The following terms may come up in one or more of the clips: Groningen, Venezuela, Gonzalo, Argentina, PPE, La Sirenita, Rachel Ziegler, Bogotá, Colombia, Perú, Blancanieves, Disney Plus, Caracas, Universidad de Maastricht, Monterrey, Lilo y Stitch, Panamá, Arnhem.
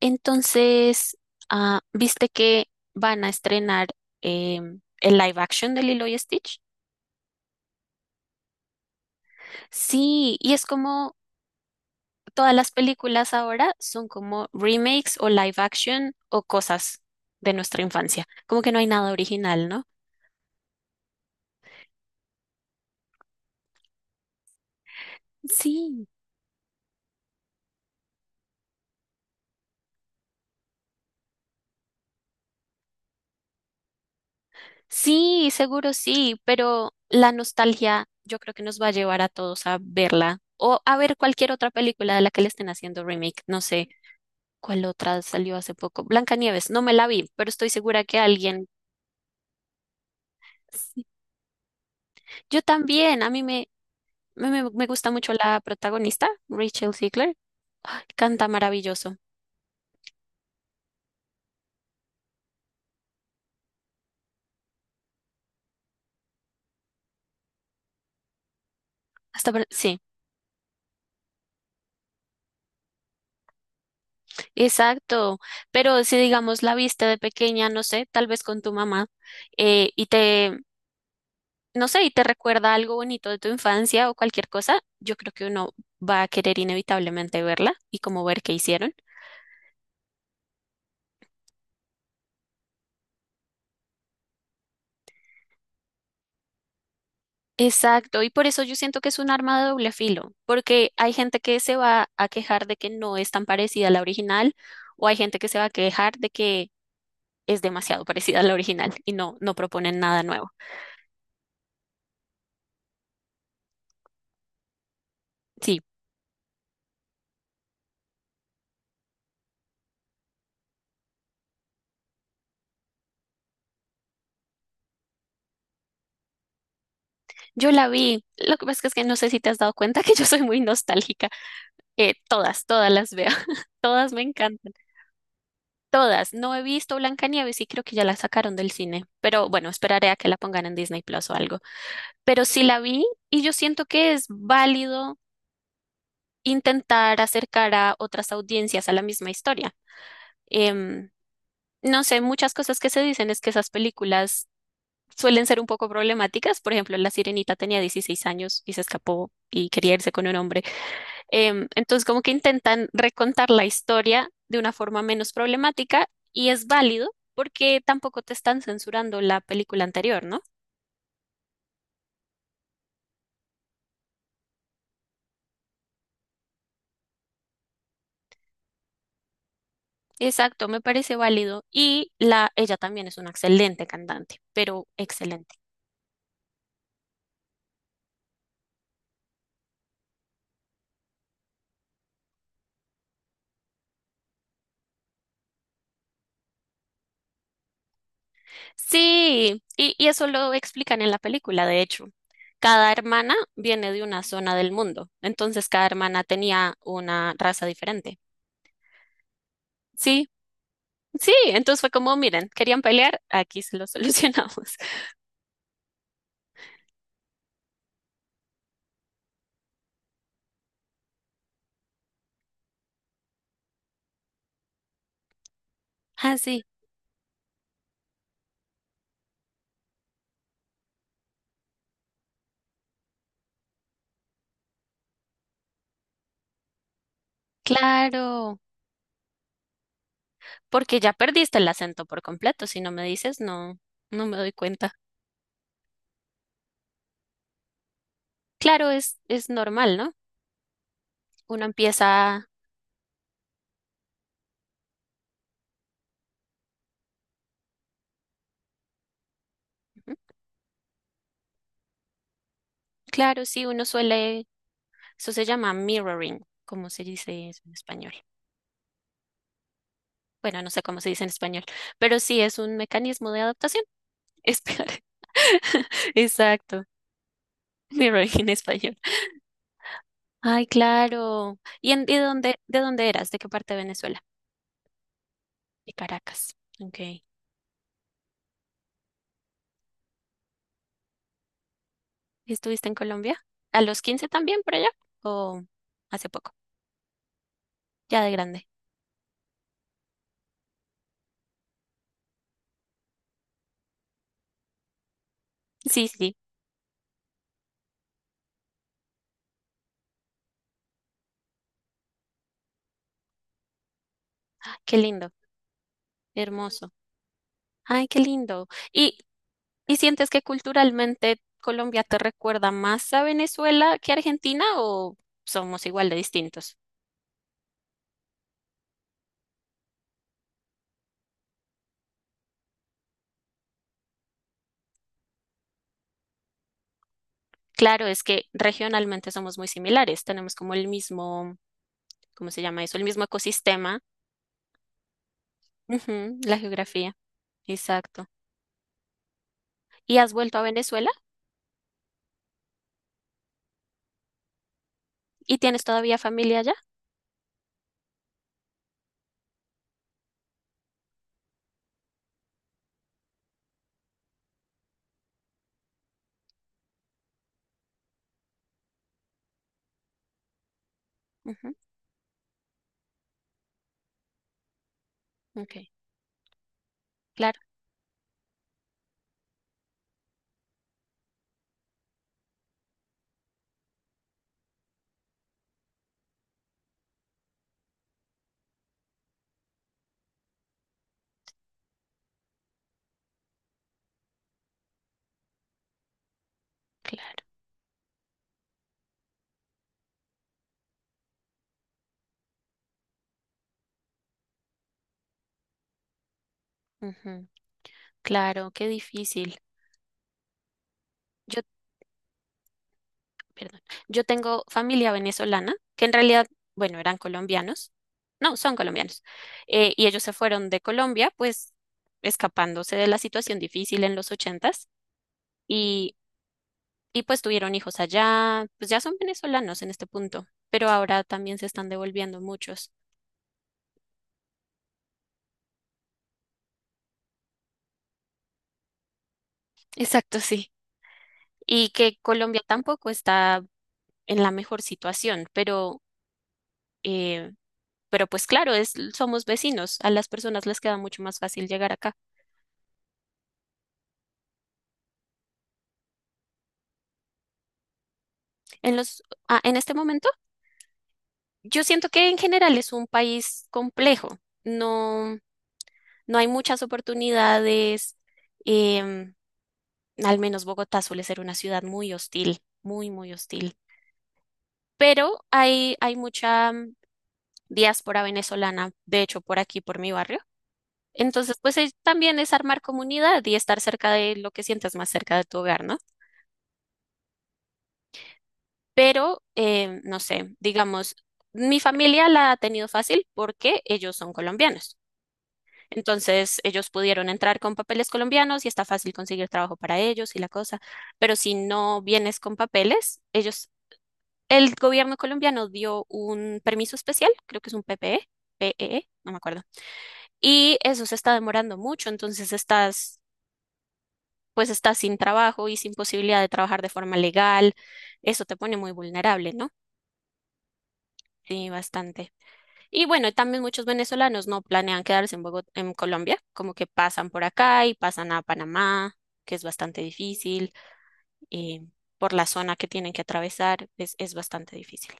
Entonces, ¿viste que van a estrenar el live action de Lilo y Stitch? Sí, y es como todas las películas ahora son como remakes o live action o cosas de nuestra infancia. Como que no hay nada original, ¿no? Sí, sí, seguro sí, pero la nostalgia yo creo que nos va a llevar a todos a verla o a ver cualquier otra película de la que le estén haciendo remake. No sé. ¿Cuál otra salió hace poco? Blancanieves, no me la vi, pero estoy segura que alguien. Sí. Yo también, a mí me gusta mucho la protagonista, Rachel Ziegler. Ay, canta maravilloso. Hasta, pare- sí, exacto. Pero si digamos la viste de pequeña, no sé, tal vez con tu mamá, y te, no sé, y te recuerda algo bonito de tu infancia o cualquier cosa, yo creo que uno va a querer inevitablemente verla y como ver qué hicieron. Exacto, y por eso yo siento que es un arma de doble filo, porque hay gente que se va a quejar de que no es tan parecida a la original, o hay gente que se va a quejar de que es demasiado parecida a la original y no proponen nada nuevo. Sí, yo la vi. Lo que pasa es que no sé si te has dado cuenta que yo soy muy nostálgica. Todas las veo. Todas me encantan. Todas. No he visto Blancanieves y creo que ya la sacaron del cine. Pero bueno, esperaré a que la pongan en Disney Plus o algo. Pero sí la vi y yo siento que es válido intentar acercar a otras audiencias a la misma historia. Em, no sé, muchas cosas que se dicen es que esas películas suelen ser un poco problemáticas. Por ejemplo, La Sirenita tenía 16 años y se escapó y quería irse con un hombre. Entonces, como que intentan recontar la historia de una forma menos problemática y es válido porque tampoco te están censurando la película anterior, ¿no? Exacto, me parece válido. Y la, ella también es una excelente cantante, pero excelente. Sí, y eso lo explican en la película, de hecho. Cada hermana viene de una zona del mundo, entonces cada hermana tenía una raza diferente. Sí, sí, entonces fue como, miren, querían pelear, aquí se lo solucionamos. Ah, sí, claro, porque ya perdiste el acento por completo, si no me dices, no, no me doy cuenta. Claro, es normal, ¿no? Uno empieza, ujú, claro, sí, uno suele, eso se llama mirroring, como se dice eso en español. Bueno, no sé cómo se dice en español, pero sí es un mecanismo de adaptación. Espera, exacto, mirroring en español. Ay, claro. ¿Y en, de dónde eras? ¿De qué parte de Venezuela? De Caracas. Ok. ¿Y estuviste en Colombia? ¿A los 15 también por allá? ¿O hace poco? Ya de grande. Sí, sí. Ay, qué lindo, hermoso. Ay, qué lindo. Y sientes que culturalmente Colombia te recuerda más a Venezuela que Argentina o somos igual de distintos? Claro, es que regionalmente somos muy similares, tenemos como el mismo, ¿cómo se llama eso? El mismo ecosistema, ujú, la geografía, exacto. ¿Y has vuelto a Venezuela? ¿Y tienes todavía familia allá? Ujú, ok, claro, claro, ujú, claro, qué difícil. Yo, perdón, yo tengo familia venezolana, que en realidad, bueno, eran colombianos, no, son colombianos, y ellos se fueron de Colombia, pues escapándose de la situación difícil en los 80s. Y pues tuvieron hijos allá, pues ya son venezolanos en este punto, pero ahora también se están devolviendo muchos. Exacto, sí. Y que Colombia tampoco está en la mejor situación, eh, pero pues claro, es, somos vecinos, a las personas les queda mucho más fácil llegar acá. En los, ah, en este momento, yo siento que en general es un país complejo, no, no hay muchas oportunidades, em, al menos Bogotá suele ser una ciudad muy hostil, muy, muy hostil. Pero hay mucha diáspora venezolana, de hecho, por aquí, por mi barrio. Entonces, pues es- también es armar comunidad y estar cerca de lo que sientas más cerca de tu hogar, ¿no? Pero, no sé, digamos, mi familia la ha tenido fácil porque ellos son colombianos. Entonces, ellos pudieron entrar con papeles colombianos y está fácil conseguir trabajo para ellos y la cosa. Pero si no vienes con papeles, ellos, el gobierno colombiano dio un permiso especial, creo que es un PPE, PEE, no me acuerdo. Y eso se está demorando mucho, entonces estás, pues estás sin trabajo y sin posibilidad de trabajar de forma legal. Eso te pone muy vulnerable, ¿no? Sí, bastante. Y bueno, también muchos venezolanos no planean quedarse en Bogot- en Colombia, como que pasan por acá y pasan a Panamá, que es bastante difícil, y por la zona que tienen que atravesar, es bastante difícil.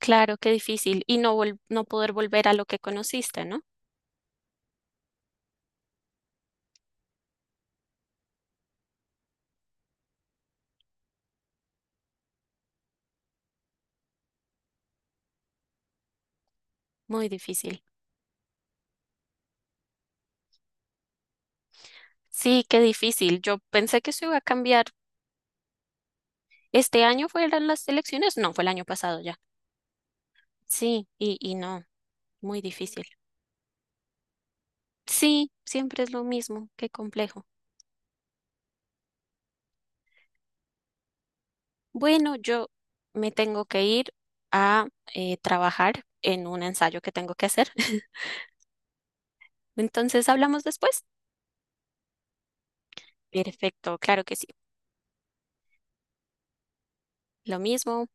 Claro, qué difícil. Y no, vol- no poder volver a lo que conociste, ¿no? Muy difícil. Sí, qué difícil. Yo pensé que eso iba a cambiar. ¿Este año fueron las elecciones? No, fue el año pasado ya. Sí, y no, muy difícil. Sí, siempre es lo mismo, qué complejo. Bueno, yo me tengo que ir a trabajar en un ensayo que tengo que hacer. Entonces, ¿hablamos después? Perfecto, claro que sí. Lo mismo.